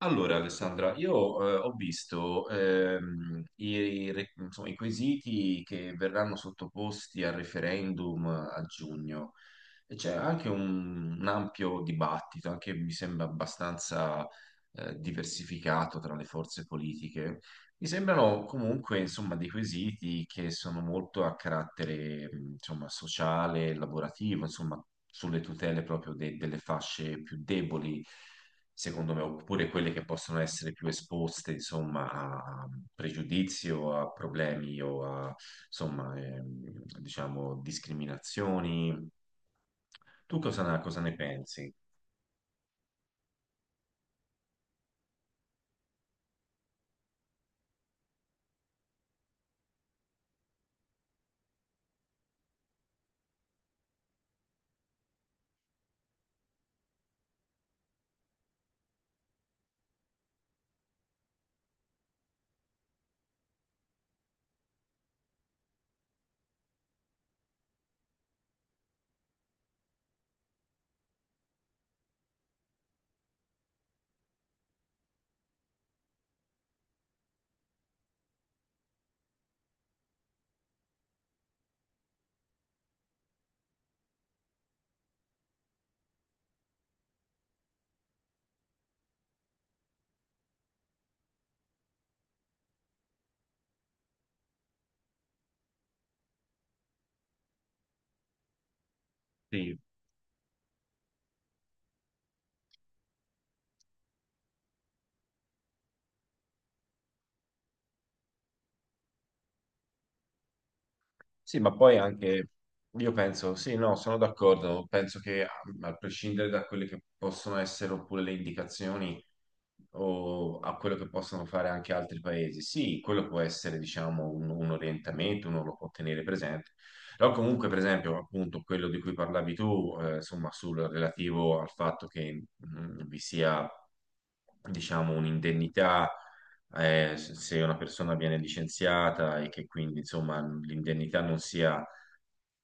Allora, Alessandra, io ho visto insomma, i quesiti che verranno sottoposti al referendum a giugno e c'è anche un ampio dibattito, anche mi sembra abbastanza diversificato tra le forze politiche. Mi sembrano comunque, insomma, dei quesiti che sono molto a carattere, insomma, sociale, lavorativo, insomma, sulle tutele proprio delle fasce più deboli secondo me, oppure quelle che possono essere più esposte, insomma, a pregiudizi o a problemi o a, insomma, diciamo, discriminazioni. Tu cosa ne pensi? Sì. Sì, ma poi anche io penso, sì, no, sono d'accordo, penso che a, a prescindere da quelle che possono essere oppure le indicazioni o a quello che possono fare anche altri paesi, sì, quello può essere, diciamo, un orientamento, uno lo può tenere presente, però comunque, per esempio, appunto, quello di cui parlavi tu, insomma, sul relativo al fatto che vi sia, diciamo, un'indennità se una persona viene licenziata e che quindi insomma l'indennità non sia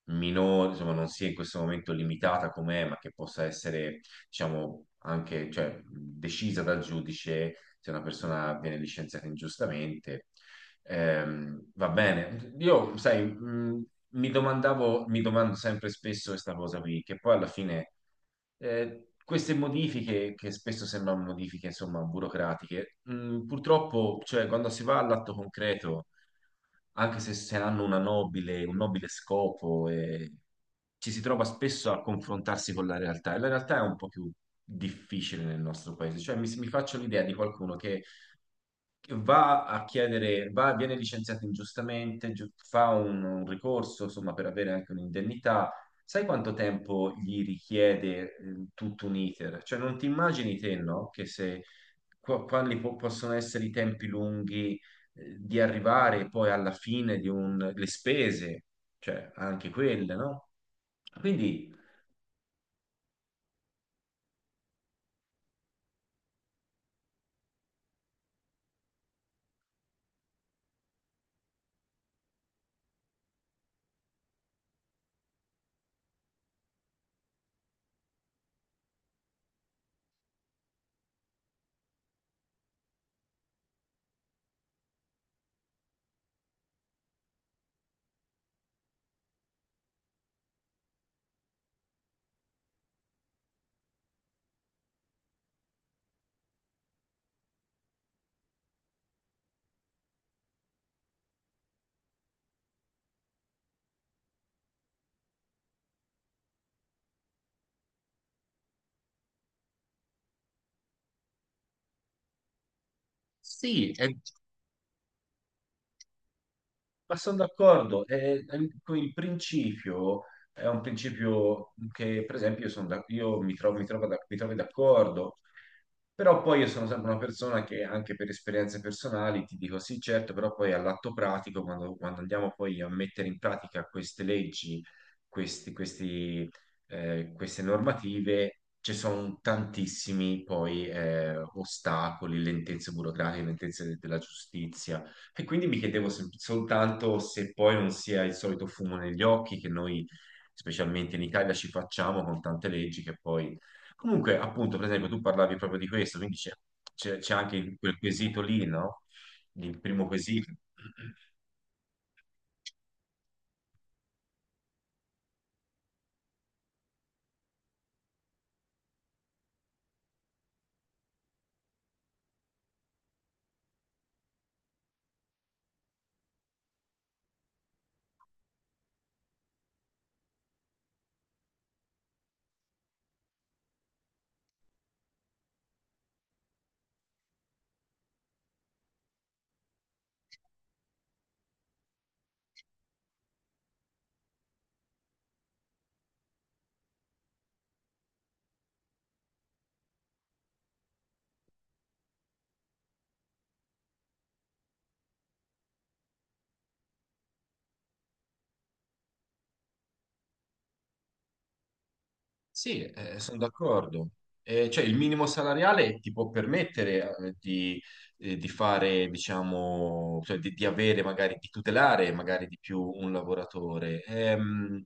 minore, insomma non sia in questo momento limitata com'è, ma che possa essere diciamo anche cioè, decisa dal giudice se una persona viene licenziata ingiustamente. Va bene, io sai, mi domando sempre spesso questa cosa qui, che poi alla fine queste modifiche, che spesso sembrano modifiche, insomma, burocratiche, purtroppo, cioè, quando si va all'atto concreto, anche se hanno una un nobile scopo, ci si trova spesso a confrontarsi con la realtà, e la realtà è un po' più difficile nel nostro paese. Cioè, mi faccio l'idea di qualcuno che va a chiedere, viene licenziato ingiustamente, fa un ricorso, insomma, per avere anche un'indennità. Sai quanto tempo gli richiede tutto un iter? Cioè, non ti immagini te, no? Che se quali possono essere i tempi lunghi di arrivare poi alla fine di un, le spese, cioè anche quelle, no? Quindi sì, è. Ma sono d'accordo, con il principio è un principio che, per esempio, io, io mi trovo d'accordo, però poi io sono sempre una persona che anche per esperienze personali ti dico sì, certo, però poi all'atto pratico, quando andiamo poi a mettere in pratica queste leggi, questi, queste normative, ci sono tantissimi poi ostacoli, lentezze burocratiche, lentezze della giustizia e quindi mi chiedevo soltanto se poi non sia il solito fumo negli occhi che noi, specialmente in Italia, ci facciamo con tante leggi che poi... Comunque, appunto, per esempio, tu parlavi proprio di questo, quindi c'è c'è anche quel quesito lì, no? Il primo quesito. Sì, sono d'accordo. Cioè, il minimo salariale ti può permettere di fare, diciamo, cioè, di avere magari, di tutelare magari di più un lavoratore.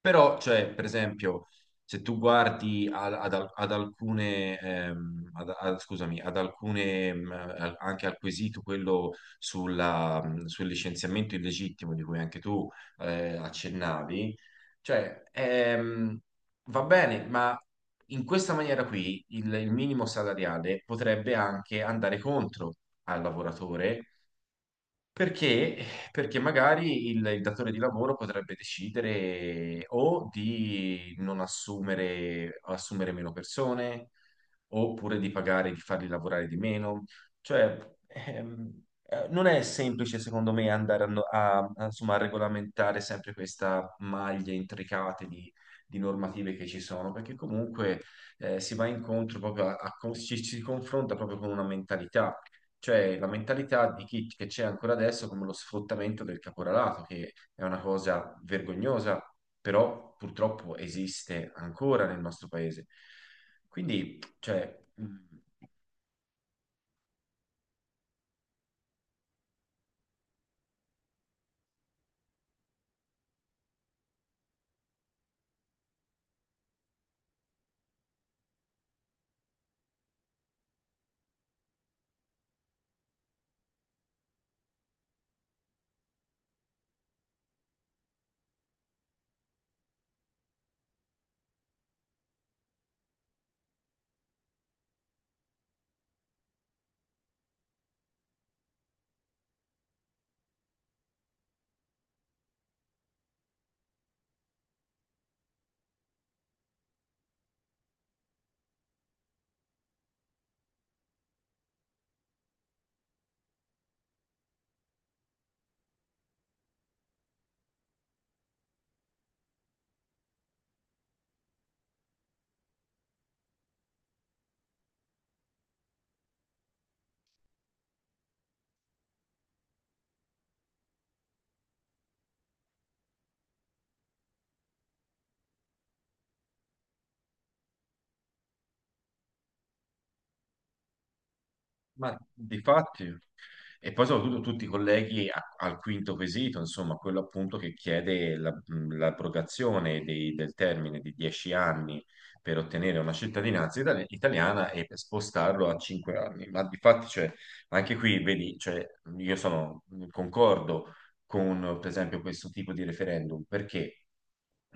Però, cioè, per esempio, se tu guardi ad alcune, scusami, ad alcune, anche al quesito quello sulla, sul licenziamento illegittimo di cui anche tu accennavi, cioè, va bene, ma in questa maniera qui il minimo salariale potrebbe anche andare contro al lavoratore perché? Perché magari il datore di lavoro potrebbe decidere o di non assumere, assumere meno persone, oppure di pagare, di farli lavorare di meno. Cioè, non è semplice, secondo me, andare a, no- a- a, insomma, a regolamentare sempre questa maglia intricata di normative che ci sono, perché comunque si va incontro proprio ci si confronta proprio con una mentalità cioè la mentalità di chi che c'è ancora adesso come lo sfruttamento del caporalato, che è una cosa vergognosa, però purtroppo esiste ancora nel nostro paese. Quindi, cioè, ma difatti, e poi soprattutto tutti i colleghi al quinto quesito, insomma, quello appunto che chiede l'abrogazione del termine di 10 anni per ottenere una cittadinanza italiana e per spostarlo a 5 anni. Ma difatti, cioè, anche qui, vedi, cioè, io sono, concordo con, per esempio, questo tipo di referendum, perché?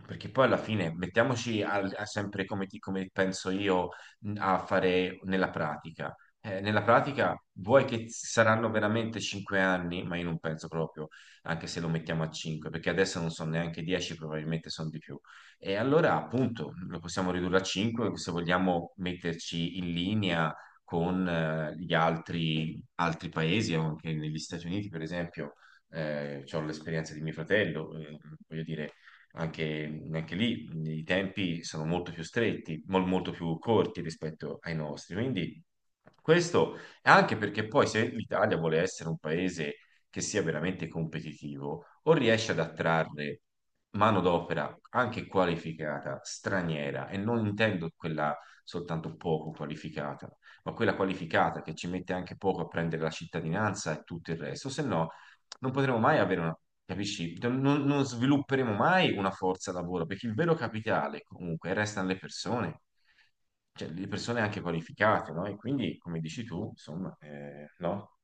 Perché poi alla fine mettiamoci al- a sempre come, come penso io a fare nella pratica. Nella pratica, vuoi che saranno veramente 5 anni, ma io non penso proprio, anche se lo mettiamo a 5, perché adesso non sono neanche 10, probabilmente sono di più. E allora, appunto, lo possiamo ridurre a 5 se vogliamo metterci in linea con altri paesi, anche negli Stati Uniti, per esempio, ho l'esperienza di mio fratello, voglio dire, anche lì i tempi sono molto più stretti, molto più corti rispetto ai nostri. Quindi questo è anche perché poi se l'Italia vuole essere un paese che sia veramente competitivo, o riesce ad attrarre manodopera anche qualificata, straniera, e non intendo quella soltanto poco qualificata, ma quella qualificata che ci mette anche poco a prendere la cittadinanza e tutto il resto, se no non potremo mai avere una, capisci? Non svilupperemo mai una forza lavoro, perché il vero capitale comunque restano le persone, cioè le persone anche qualificate, no? E quindi, come dici tu, insomma, no?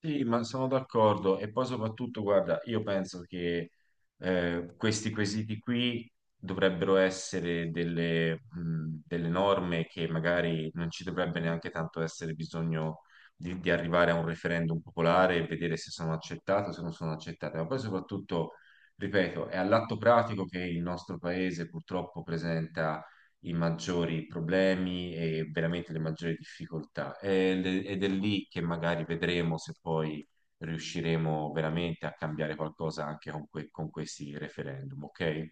Sì, ma sono d'accordo e poi soprattutto, guarda, io penso che questi quesiti qui dovrebbero essere delle, delle norme che magari non ci dovrebbe neanche tanto essere bisogno di arrivare a un referendum popolare e vedere se sono accettate o se non sono accettate, ma poi soprattutto, ripeto, è all'atto pratico che il nostro paese purtroppo presenta i maggiori problemi e veramente le maggiori difficoltà. Ed è lì che magari vedremo se poi riusciremo veramente a cambiare qualcosa anche con questi referendum, ok?